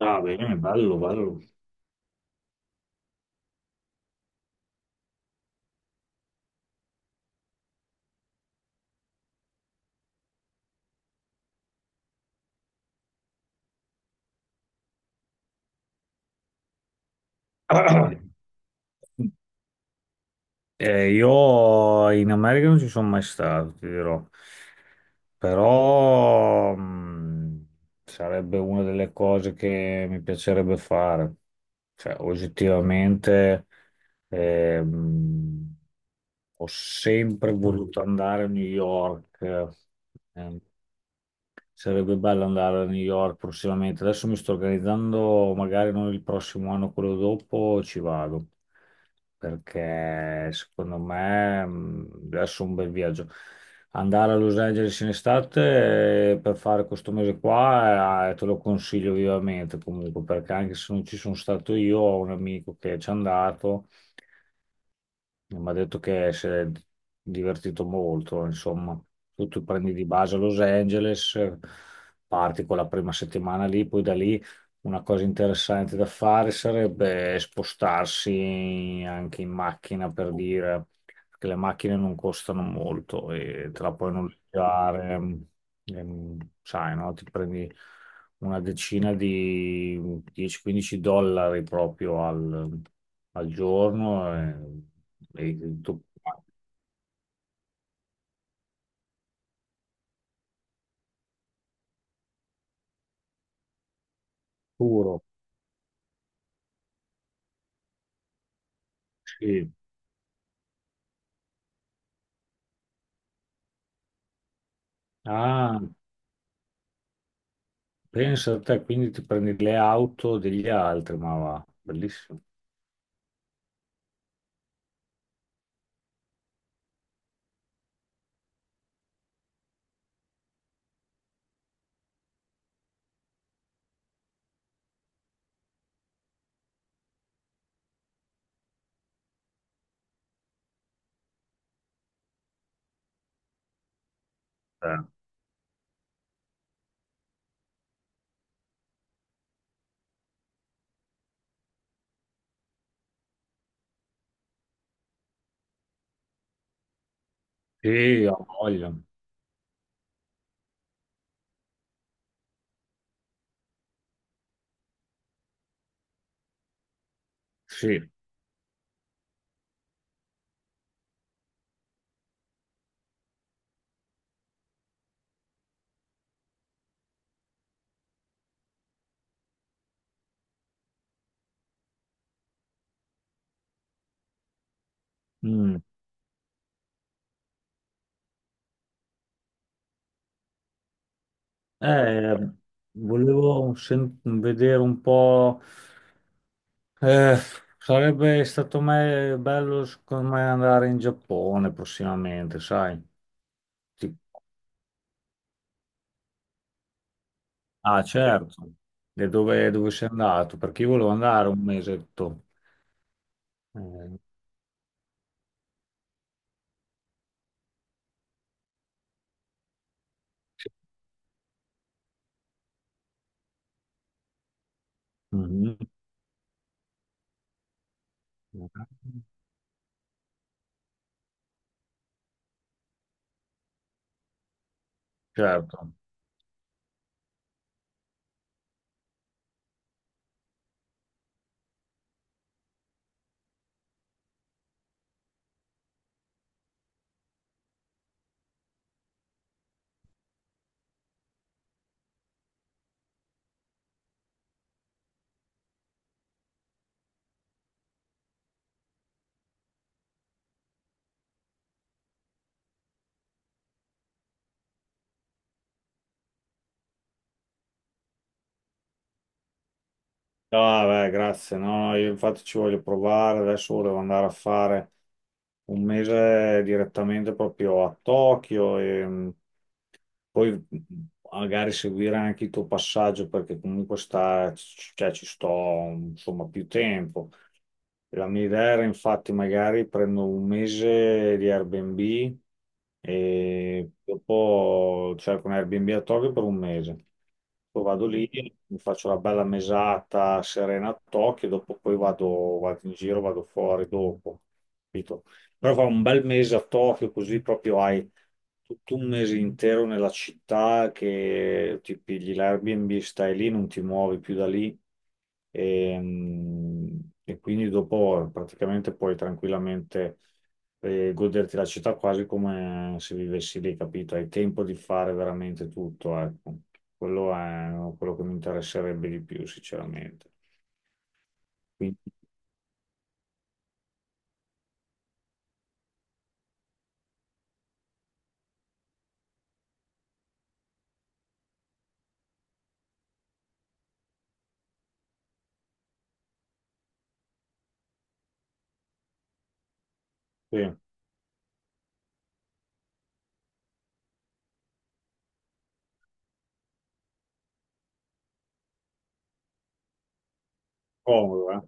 Ah, bene, bello, bello. Io in America non ci sono mai stato, ti dirò. Però sarebbe una delle cose che mi piacerebbe fare. Cioè, oggettivamente ehm, ho sempre voluto andare a New York. Ehm, Sarebbe bello andare a New York prossimamente. Adesso mi sto organizzando, magari non il prossimo anno, quello dopo ci vado, perché secondo me adesso è un bel viaggio. Andare a Los Angeles in estate per fare questo mese qua, te lo consiglio vivamente comunque, perché anche se non ci sono stato io, ho un amico che ci è andato. Mi ha detto che si è divertito molto, insomma. Tu ti prendi di base a Los Angeles, parti con la prima settimana lì, poi da lì una cosa interessante da fare sarebbe spostarsi anche in macchina per dire che le macchine non costano molto e te la puoi noleggiare, sai, no? Ti prendi una decina di 10-15 dollari proprio al giorno. Il tuo puro. Sì. Ah, pensa a te, quindi ti prendi le auto degli altri, ma va, bellissimo. Eh. Sì, ho voglia. Sì. Mm. Eh, volevo vedere un po'. Eh, sarebbe stato bello, secondo me, andare in Giappone prossimamente, sai? Sì. Ah, certo. E dove sei andato? Perché io volevo andare un mesetto. Eh, sì. Mhm. Certo. No, vabbè, grazie. No, no, io infatti ci voglio provare. Adesso volevo andare a fare un mese direttamente proprio a Tokyo e poi magari seguire anche il tuo passaggio perché comunque sta, cioè, ci sto insomma più tempo. La mia idea era infatti magari prendo un mese di Airbnb e dopo cerco un Airbnb a Tokyo per un mese. Poi vado lì, mi faccio la bella mesata serena a Tokyo, dopo poi vado in giro, vado fuori dopo, capito? Però fa un bel mese a Tokyo, così proprio hai tutto un mese intero nella città che ti pigli l'Airbnb, stai lì, non ti muovi più da lì e, mm, e quindi dopo praticamente puoi tranquillamente goderti la città quasi come se vivessi lì, capito? Hai tempo di fare veramente tutto, ecco. Quello è quello che mi interesserebbe di più, sinceramente. Quindi, sì, comodo, eh?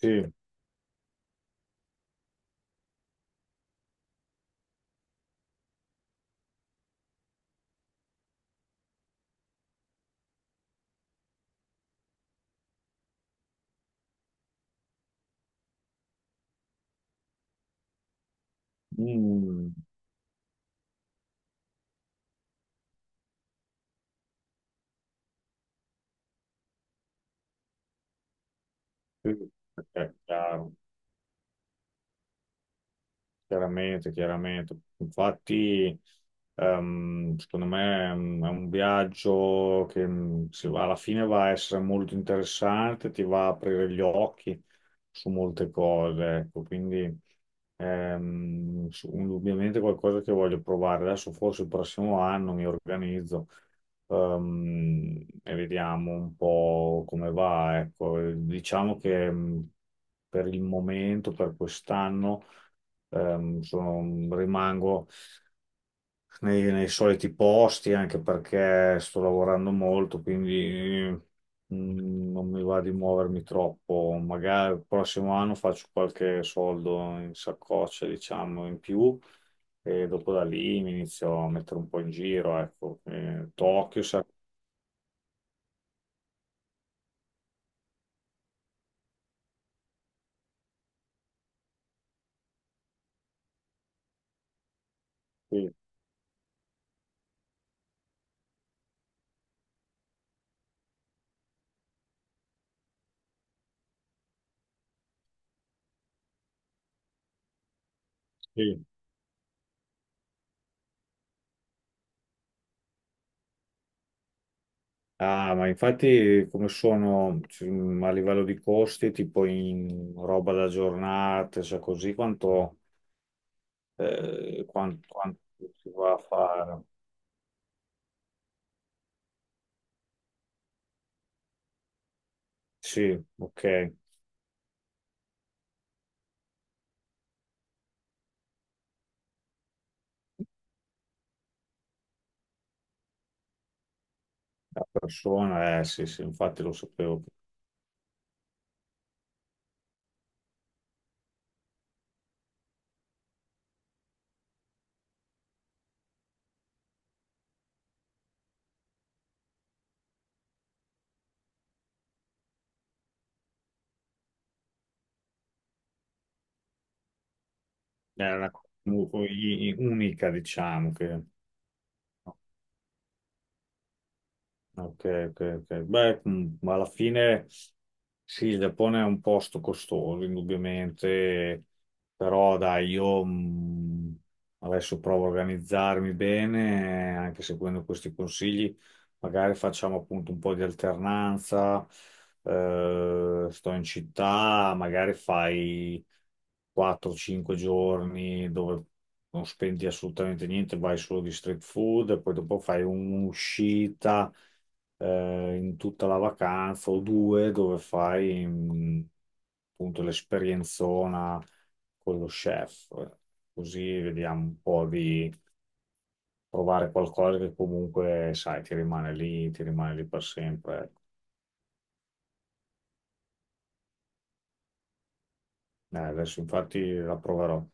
Sì. Mm. Mm. Ok, chiaro. Chiaramente, chiaramente. Infatti, secondo me è un viaggio che alla fine va a essere molto interessante, ti va a aprire gli occhi su molte cose, ecco. Quindi, indubbiamente qualcosa che voglio provare. Adesso forse il prossimo anno mi organizzo, e vediamo un po' come va, ecco. Diciamo che per il momento, per quest'anno rimango nei soliti posti anche perché sto lavorando molto, quindi non mi va di muovermi troppo. Magari il prossimo anno faccio qualche soldo in saccoccia, diciamo, in più. E dopo da lì mi inizio a mettere un po' in giro, ecco. Tokyo, sì, sì. Ah, ma infatti come sono cioè, a livello di costi, tipo in roba da giornate, cioè così, quanto, si va a fare. Sì, ok, la persona, sì, sì, infatti lo sapevo. Era una cosa molto unica, diciamo, che. Ok, ok, ok. Beh, ma alla fine sì, il Giappone è un posto costoso, indubbiamente, però dai, io adesso provo a organizzarmi bene, anche seguendo questi consigli, magari facciamo appunto un po' di alternanza, sto in città, magari fai 4-5 giorni dove non spendi assolutamente niente, vai solo di street food, e poi dopo fai un'uscita in tutta la vacanza o due dove fai appunto l'esperienzona con lo chef. Così vediamo un po' di provare qualcosa che comunque, sai, ti rimane lì per sempre, ecco. Adesso infatti la proverò.